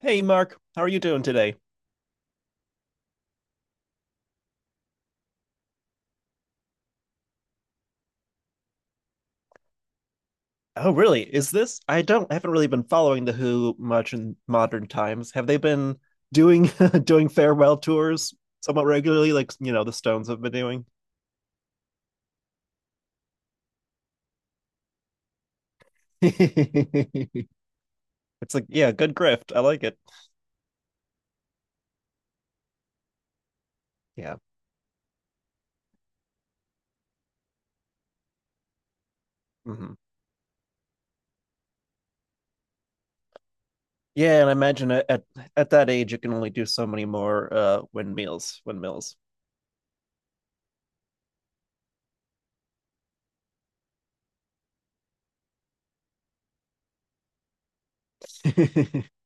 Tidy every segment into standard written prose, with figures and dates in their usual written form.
Hey Mark, how are you doing today? Oh, really? Is this? I haven't really been following the Who much in modern times. Have they been doing doing farewell tours somewhat regularly, like you know the Stones have been doing? It's like, yeah, good grift. I like it. Yeah. Hmm. Yeah, and I imagine at at that age you can only do so many more windmills, windmills.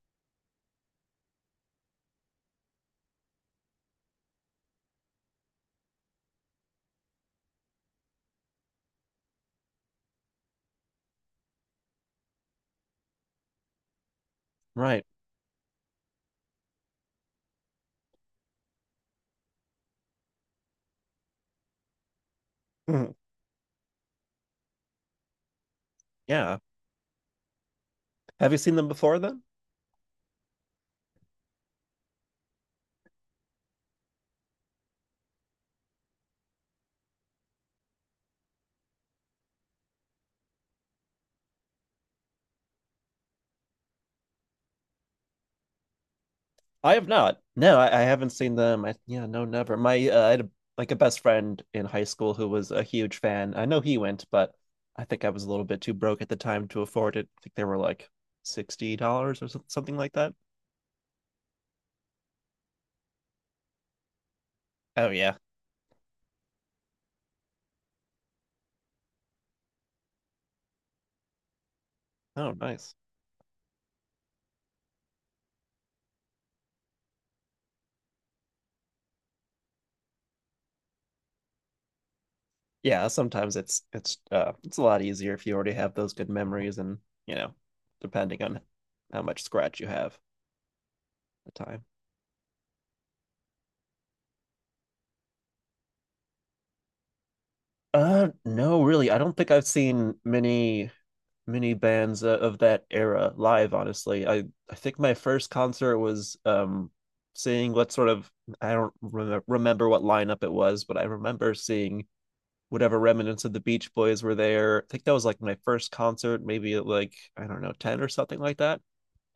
Right. Mhm. Yeah. Have you seen them before then? I have not. No, I haven't seen them. I, yeah, no, never. My I had like a best friend in high school who was a huge fan. I know he went, but I think I was a little bit too broke at the time to afford it. I think they were like $60 or so- something like that. Oh yeah. Oh nice. Yeah. Sometimes it's it's a lot easier if you already have those good memories, and you know, depending on how much scratch you have at the time. No, really, I don't think I've seen many bands of that era live, honestly. I think my first concert was seeing what sort of, I don't remember what lineup it was, but I remember seeing whatever remnants of the Beach Boys were there. I think that was like my first concert, maybe at like, I don't know, 10 or something like that.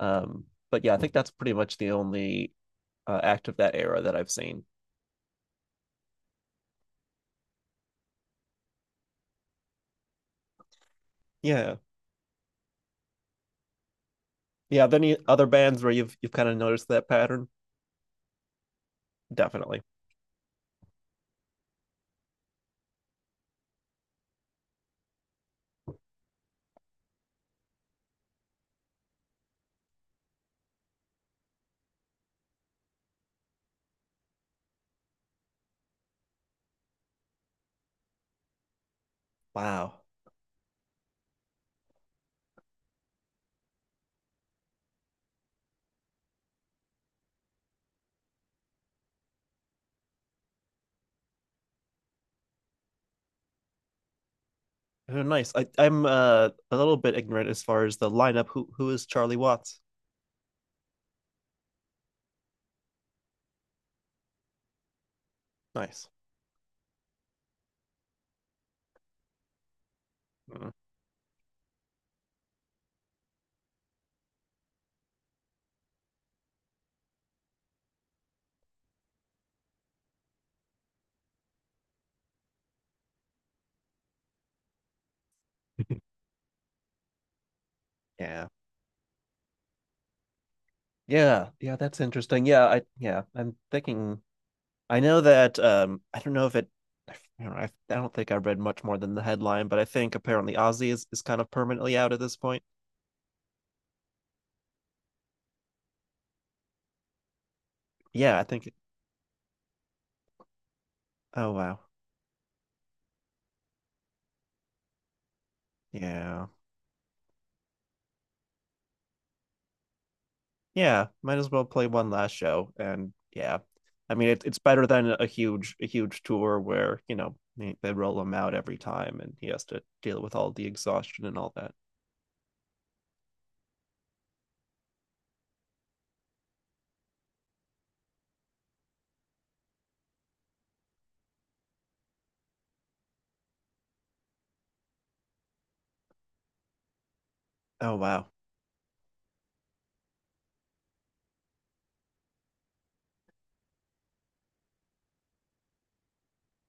um but yeah, I think that's pretty much the only act of that era that I've seen. Yeah. Yeah, are there any other bands where you've kind of noticed that pattern? Definitely. Wow. Oh, nice. I'm a little bit ignorant as far as the lineup. Who is Charlie Watts? Nice. Mm. Yeah. Yeah. Yeah, that's interesting. Yeah, I, yeah, I'm thinking, I know that I don't know, I don't think I read much more than the headline, but I think apparently Ozzy is kind of permanently out at this point. Yeah, I think, oh wow. Yeah. Yeah, might as well play one last show. And yeah, I mean, it, it's better than a huge tour where, you know, they roll him out every time and he has to deal with all the exhaustion and all that. Oh, wow.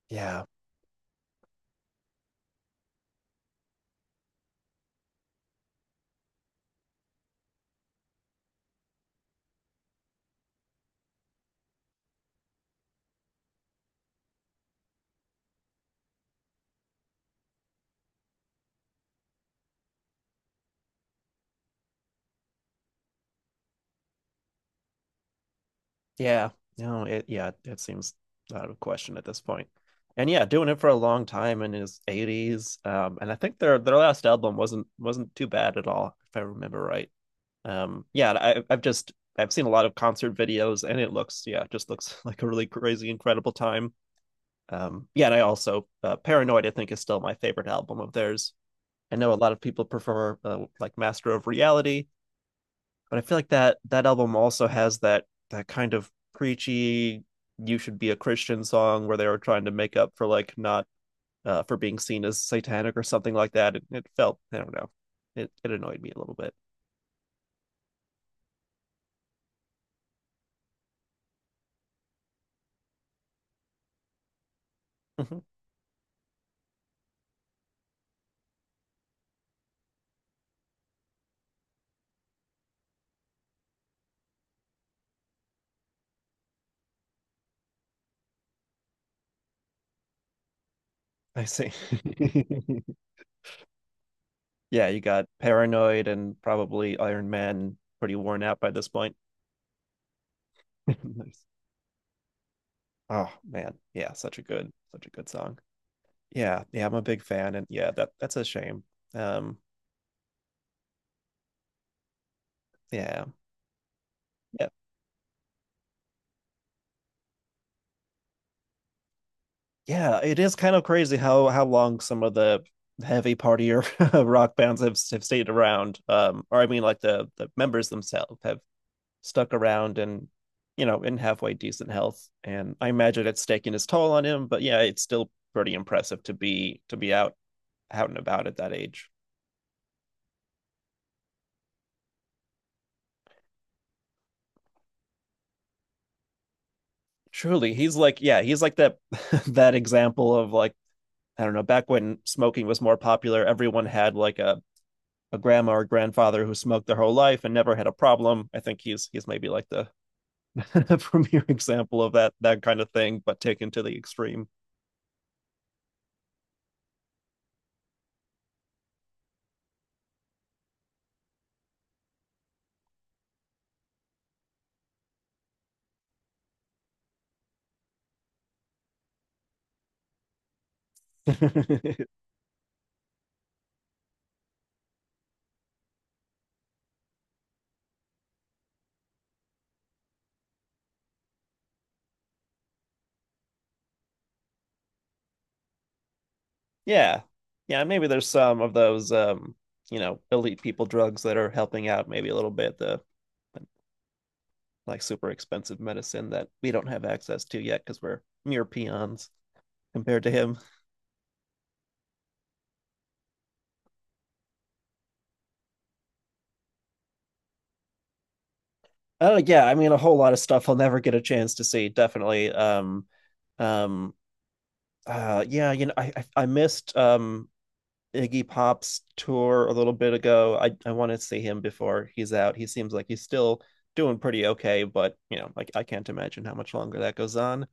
Yeah. Yeah. No, it, yeah, it seems out of question at this point. And yeah, doing it for a long time in his 80s. And I think their last album wasn't too bad at all, if I remember right. Yeah, I've just, I've seen a lot of concert videos and it looks, yeah, just looks like a really crazy, incredible time. Yeah, and I also, Paranoid I think is still my favorite album of theirs. I know a lot of people prefer, like Master of Reality, but I feel like that album also has that kind of preachy "you should be a Christian" song where they were trying to make up for like not, for being seen as satanic or something like that. It felt, I don't know, it annoyed me a little bit. Mhm. I see. Yeah, you got Paranoid and probably Iron Man pretty worn out by this point. Nice. Oh man, yeah, such a good song. Yeah, yeah, I'm a big fan, and yeah, that that's a shame. Um, yeah. Yeah, yeah. It is kind of crazy how long some of the heavy partier rock bands have stayed around. Or I mean, like the members themselves have stuck around and you know, in halfway decent health. And I imagine it's taking its toll on him, but yeah, it's still pretty impressive to be out and about at that age. Truly, he's like, yeah, he's like that that example of like, I don't know, back when smoking was more popular, everyone had like a grandma or grandfather who smoked their whole life and never had a problem. I think he's maybe like the premier example of that kind of thing, but taken to the extreme. Yeah. Yeah, maybe there's some of those, you know, elite people drugs that are helping out maybe a little bit, the like super expensive medicine that we don't have access to yet because we're mere peons compared to him. Oh yeah, I mean a whole lot of stuff I'll never get a chance to see, definitely. Um yeah, you know, I missed Iggy Pop's tour a little bit ago. I want to see him before he's out. He seems like he's still doing pretty okay, but you know, like I can't imagine how much longer that goes on.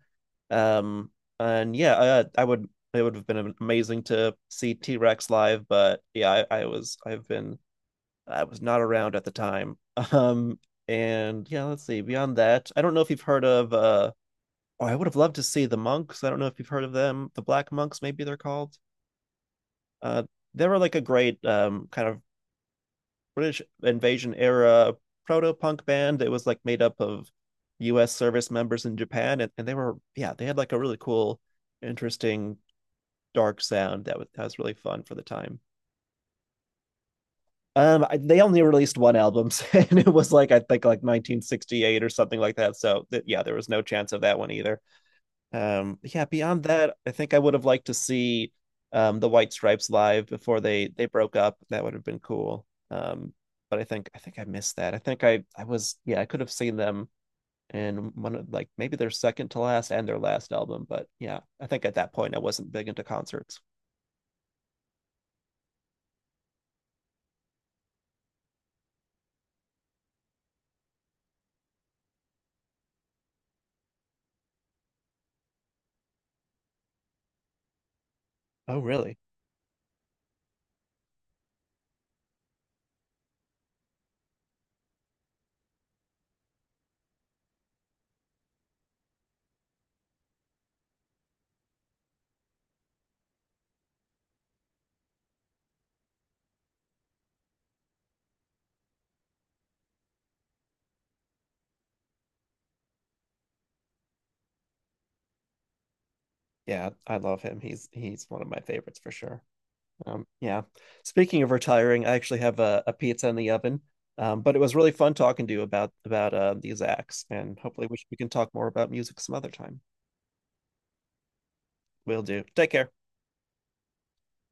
Um, and yeah, I would, it would have been amazing to see T Rex live, but yeah, I was, I've been, I was not around at the time. Um, and yeah, let's see. Beyond that, I don't know if you've heard of. Oh, I would have loved to see the Monks. I don't know if you've heard of them. The Black Monks, maybe they're called. Uh, they were like a great kind of British invasion era proto punk band that was like made up of U.S. service members in Japan, and they were, yeah, they had like a really cool, interesting, dark sound that was really fun for the time. I, they only released one album, and it was like, I think like 1968 or something like that. So yeah, there was no chance of that one either. Yeah, beyond that, I would have liked to see the White Stripes live before they broke up. That would have been cool. um but I think I missed that. I was, yeah, I could have seen them in one of like maybe their second to last and their last album, but yeah, I think at that point I wasn't big into concerts. Oh really? Yeah, I love him, he's one of my favorites for sure. Yeah. Speaking of retiring, I actually have a pizza in the oven. But it was really fun talking to you about these acts, and hopefully we, we can talk more about music some other time. Will do. Take care.